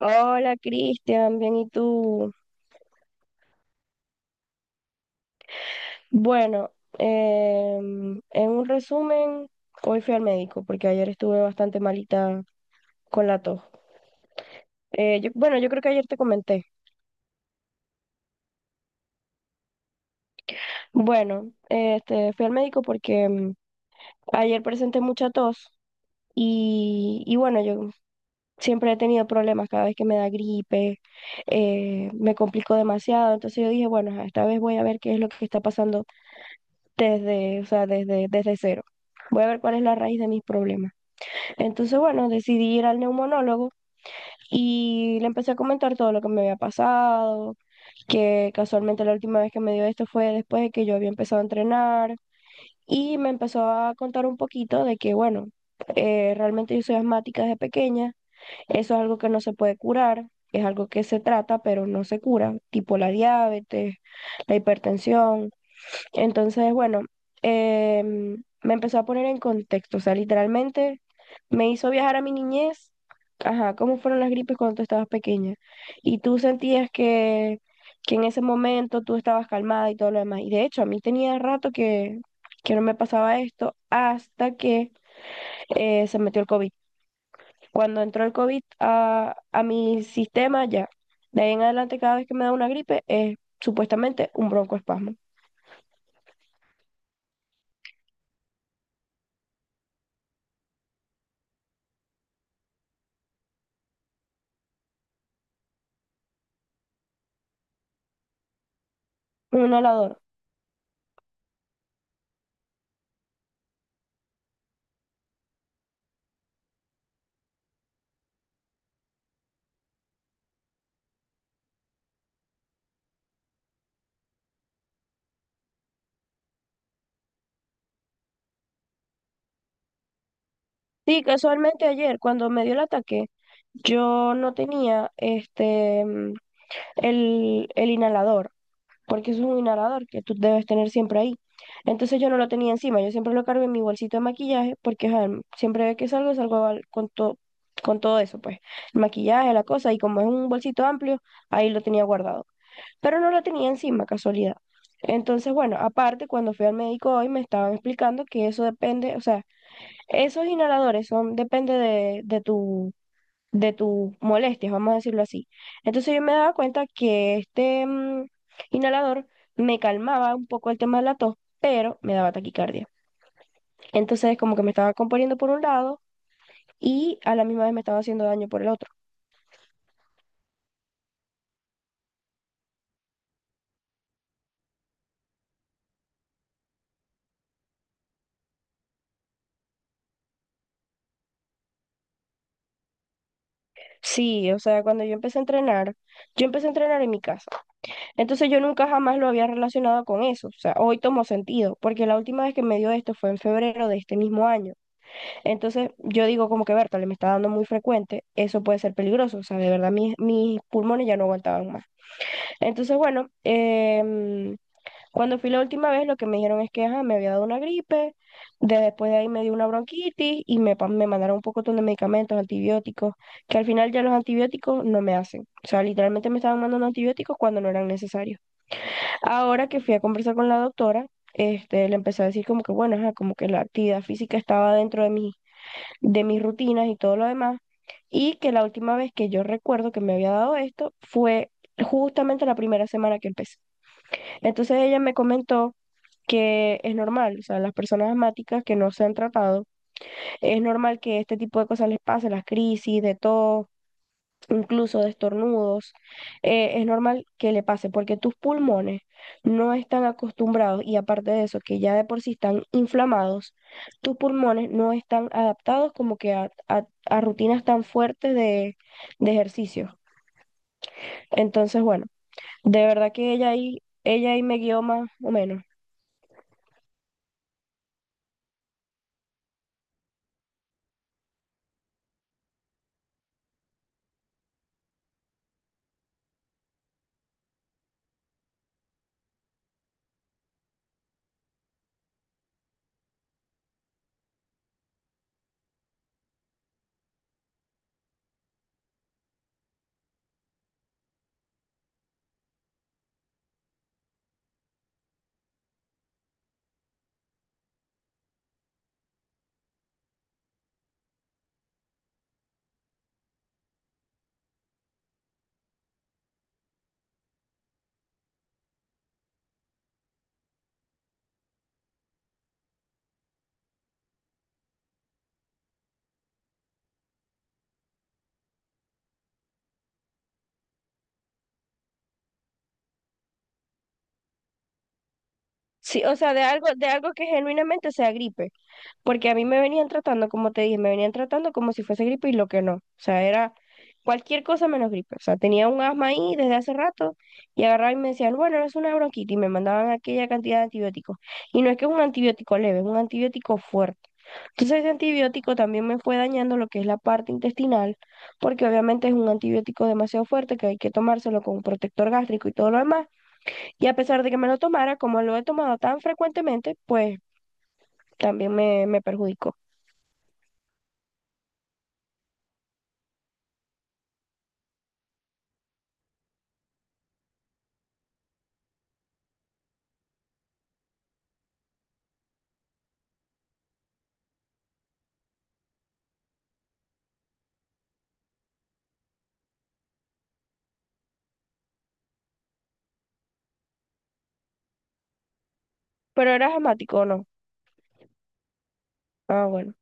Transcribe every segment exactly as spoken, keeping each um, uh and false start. Hola Cristian, bien, ¿y tú? Bueno, em, en un resumen, hoy fui al médico porque ayer estuve bastante malita con la tos. Eh, yo- bueno, yo creo que ayer te comenté. Bueno, este, fui al médico porque em, ayer presenté mucha tos y, y bueno, yo siempre he tenido problemas cada vez que me da gripe, eh, me complico demasiado, entonces yo dije, bueno, ajá, esta vez voy a ver qué es lo que está pasando desde, o sea, desde, desde cero. Voy a ver cuál es la raíz de mis problemas. Entonces, bueno, decidí ir al neumonólogo y le empecé a comentar todo lo que me había pasado, que casualmente la última vez que me dio esto fue después de que yo había empezado a entrenar y me empezó a contar un poquito de que, bueno, eh, realmente yo soy asmática desde pequeña, eso es algo que no se puede curar. Es algo que se trata, pero no se cura, tipo la diabetes, la hipertensión. Entonces, bueno, em, me empezó a poner en contexto, o sea, literalmente me hizo viajar a mi niñez, ajá, cómo fueron las gripes cuando tú estabas pequeña. Y tú sentías que, que en ese momento tú estabas calmada y todo lo demás. Y de hecho, a mí tenía rato que, que no me pasaba esto hasta que eh, se metió el COVID. Cuando entró el COVID a, a mi sistema, ya. De ahí en adelante, cada vez que me da una gripe, es supuestamente un broncoespasmo. Un inhalador. Sí, casualmente ayer, cuando me dio el ataque, yo no tenía este mm, el, el inhalador, porque eso es un inhalador que tú debes tener siempre ahí. Entonces yo no lo tenía encima, yo siempre lo cargo en mi bolsito de maquillaje, porque ajá, mm, siempre que salgo, salgo al- con todo, con todo eso, pues, el maquillaje, la cosa, y como es un bolsito amplio, ahí lo tenía guardado. Pero no lo tenía encima, casualidad. Entonces, bueno, aparte, cuando fui al médico hoy, me estaban explicando que eso depende, o sea, esos inhaladores son, depende de, de tu, de tus molestias, vamos a decirlo así. Entonces yo me daba cuenta que este mm, inhalador me calmaba un poco el tema de la tos, pero me daba taquicardia. Entonces como que me estaba componiendo por un lado y a la misma vez me estaba haciendo daño por el otro. Sí, o sea, cuando yo empecé a entrenar, yo empecé a entrenar en mi casa. Entonces yo nunca jamás lo había relacionado con eso. O sea, hoy tomó sentido, porque la última vez que me dio esto fue en febrero de este mismo año. Entonces yo digo como que Bertale me está dando muy frecuente, eso puede ser peligroso, o sea, de verdad mis, mis pulmones ya no aguantaban más. Entonces, bueno, em, cuando fui la última vez lo que me dijeron es que ajá, me había dado una gripe, de- después de ahí me dio una bronquitis y me, pa- me mandaron un pocotón de medicamentos, antibióticos, que al final ya los antibióticos no me hacen. O sea, literalmente me estaban mandando antibióticos cuando no eran necesarios. Ahora que fui a conversar con la doctora, este, le empecé a decir como que bueno, ajá, como que la actividad física estaba dentro de mis de mis rutinas y todo lo demás. Y que la última vez que yo recuerdo que me había dado esto fue justamente la primera semana que empecé. Entonces ella me comentó que es normal, o sea, las personas asmáticas que no se han tratado, es normal que este tipo de cosas les pase, las crisis, de todo, incluso de estornudos, eh, es normal que le pase porque tus pulmones no están acostumbrados y aparte de eso, que ya de por sí están inflamados, tus pulmones no están adaptados como que a, a- a rutinas tan fuertes de, de ejercicio. Entonces, bueno, de verdad que ella ahí, ella ahí me guió más o menos. Sí, o sea, de algo, de algo que genuinamente sea gripe, porque a mí me venían tratando, como te dije, me venían tratando como si fuese gripe y lo que no, o sea, era cualquier cosa menos gripe. O sea, tenía un asma ahí desde hace rato y agarraban y me decían, bueno, es una bronquitis y me mandaban aquella cantidad de antibióticos. Y no es que es un antibiótico leve, es un antibiótico fuerte. Entonces ese antibiótico también me fue dañando lo que es la parte intestinal, porque obviamente es un antibiótico demasiado fuerte que hay que tomárselo con un protector gástrico y todo lo demás. Y a pesar de que me lo tomara, como lo he tomado tan frecuentemente, pues también me, me perjudicó. Pero eras asmático o no. Ah, bueno.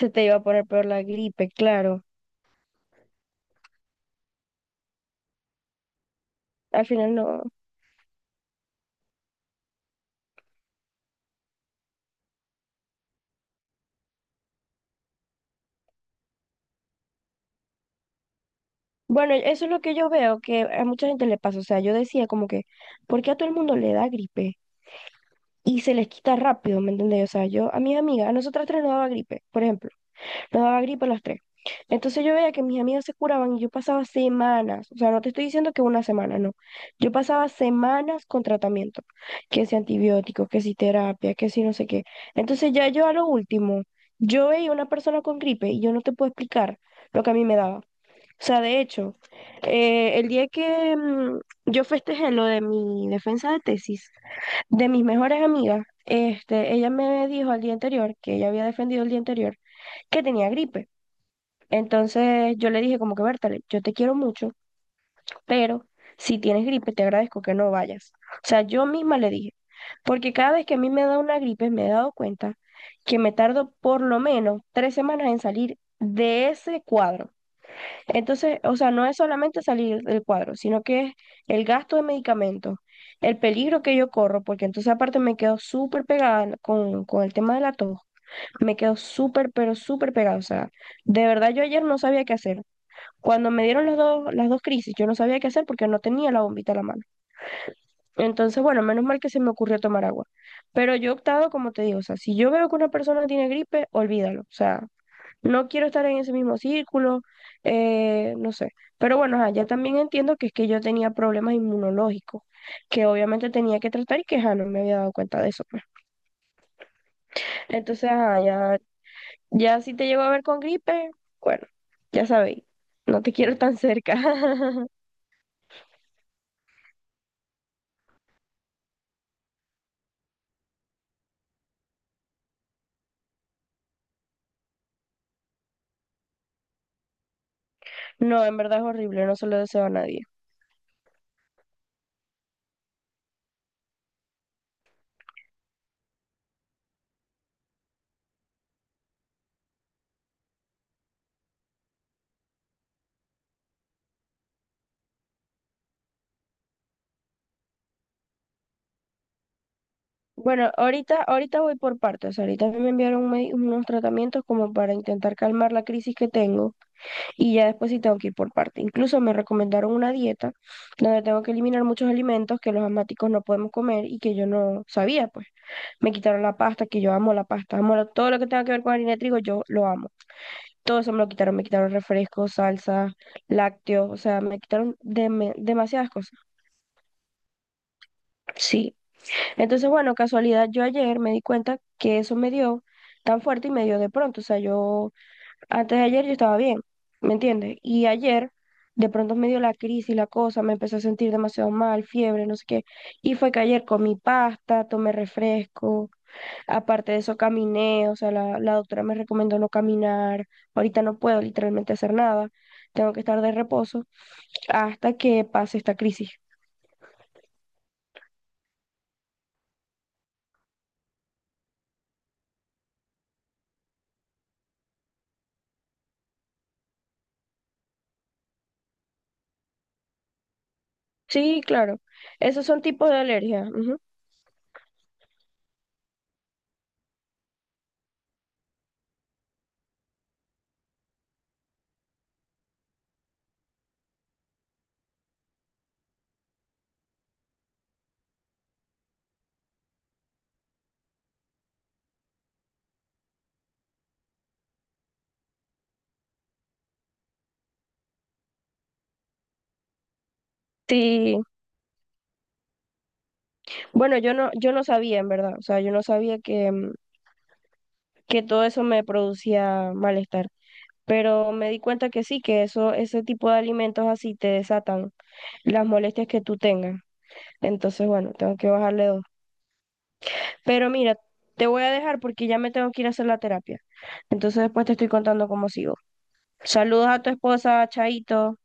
Se te iba a poner peor la gripe, claro. Al final no. Bueno, eso es lo que yo veo que a mucha gente le pasa. O sea, yo decía como que, ¿por qué a todo el mundo le da gripe? Y se les quita rápido, ¿me entendés? O sea, yo a mis amigas, a nosotras tres nos daba gripe, por ejemplo, nos daba gripe a las tres. Entonces yo veía que mis amigas se curaban y yo pasaba semanas, o sea, no te estoy diciendo que una semana, no. Yo pasaba semanas con tratamiento, que si antibióticos, que si terapia, que si no sé qué. Entonces ya yo a lo último, yo veía una persona con gripe y yo no te puedo explicar lo que a mí me daba. O sea, de hecho, eh, el día que mm, yo festejé lo de mi defensa de tesis, de mis mejores amigas, este, ella me dijo al día anterior, que ella había defendido el día anterior, que tenía gripe. Entonces yo le dije como que, Bertale, yo te quiero mucho, pero si tienes gripe, te agradezco que no vayas. O sea, yo misma le dije, porque cada vez que a mí me da una gripe, me he dado cuenta que me tardo por lo menos tres semanas en salir de ese cuadro. Entonces, o sea, no es solamente salir del cuadro, sino que es el gasto de medicamentos, el peligro que yo corro, porque entonces aparte me quedo súper pegada con, con el tema de la tos, me quedo súper, pero súper pegada. O sea, de verdad yo ayer no sabía qué hacer. Cuando me dieron los dos, las dos crisis, yo no sabía qué hacer porque no tenía la bombita a la mano. Entonces, bueno, menos mal que se me ocurrió tomar agua. Pero yo he optado, como te digo, o sea, si yo veo que una persona tiene gripe, olvídalo. O sea, no quiero estar en ese mismo círculo, eh, no sé. Pero bueno, ajá, ya también entiendo que es que yo tenía problemas inmunológicos, que obviamente tenía que tratar y que ajá, no me había dado cuenta de eso. pues. Entonces, ajá, ya, ya si te llego a ver con gripe, bueno, ya sabéis, no te quiero tan cerca. No, en verdad es horrible, no se lo deseo a nadie. Bueno, ahorita, ahorita voy por partes. Ahorita me enviaron un medi- unos tratamientos como para intentar calmar la crisis que tengo. Y ya después sí tengo que ir por parte. Incluso me recomendaron una dieta donde tengo que eliminar muchos alimentos que los asmáticos no podemos comer y que yo no sabía, pues. Me quitaron la pasta, que yo amo la pasta, amo lo- todo lo que tenga que ver con harina de trigo, yo lo amo. Todo eso me lo quitaron, me quitaron refrescos, salsas, lácteos, o sea, me quitaron deme- demasiadas cosas. Sí. Entonces, bueno, casualidad, yo ayer me di cuenta que eso me dio tan fuerte y me dio de pronto, o sea, yo antes de ayer yo estaba bien, ¿me entiendes? Y ayer de pronto me dio la crisis, la cosa, me empecé a sentir demasiado mal, fiebre, no sé qué. Y fue que ayer comí pasta, tomé refresco, aparte de eso caminé, o sea, la, la doctora me recomendó no caminar, ahorita no puedo literalmente hacer nada, tengo que estar de reposo hasta que pase esta crisis. Sí, claro, esos son tipos de alergia. Ujú. Sí, bueno, yo no, yo no sabía, en verdad. O sea, yo no sabía que, mm, que todo eso me producía malestar. Pero me di cuenta que sí, que eso, ese tipo de alimentos así te desatan las molestias que tú tengas. Entonces, bueno, tengo que bajarle dos. Pero mira, te voy a dejar porque ya me tengo que ir a hacer la terapia. Entonces después te estoy contando cómo sigo. Saludos a tu esposa, Chaito.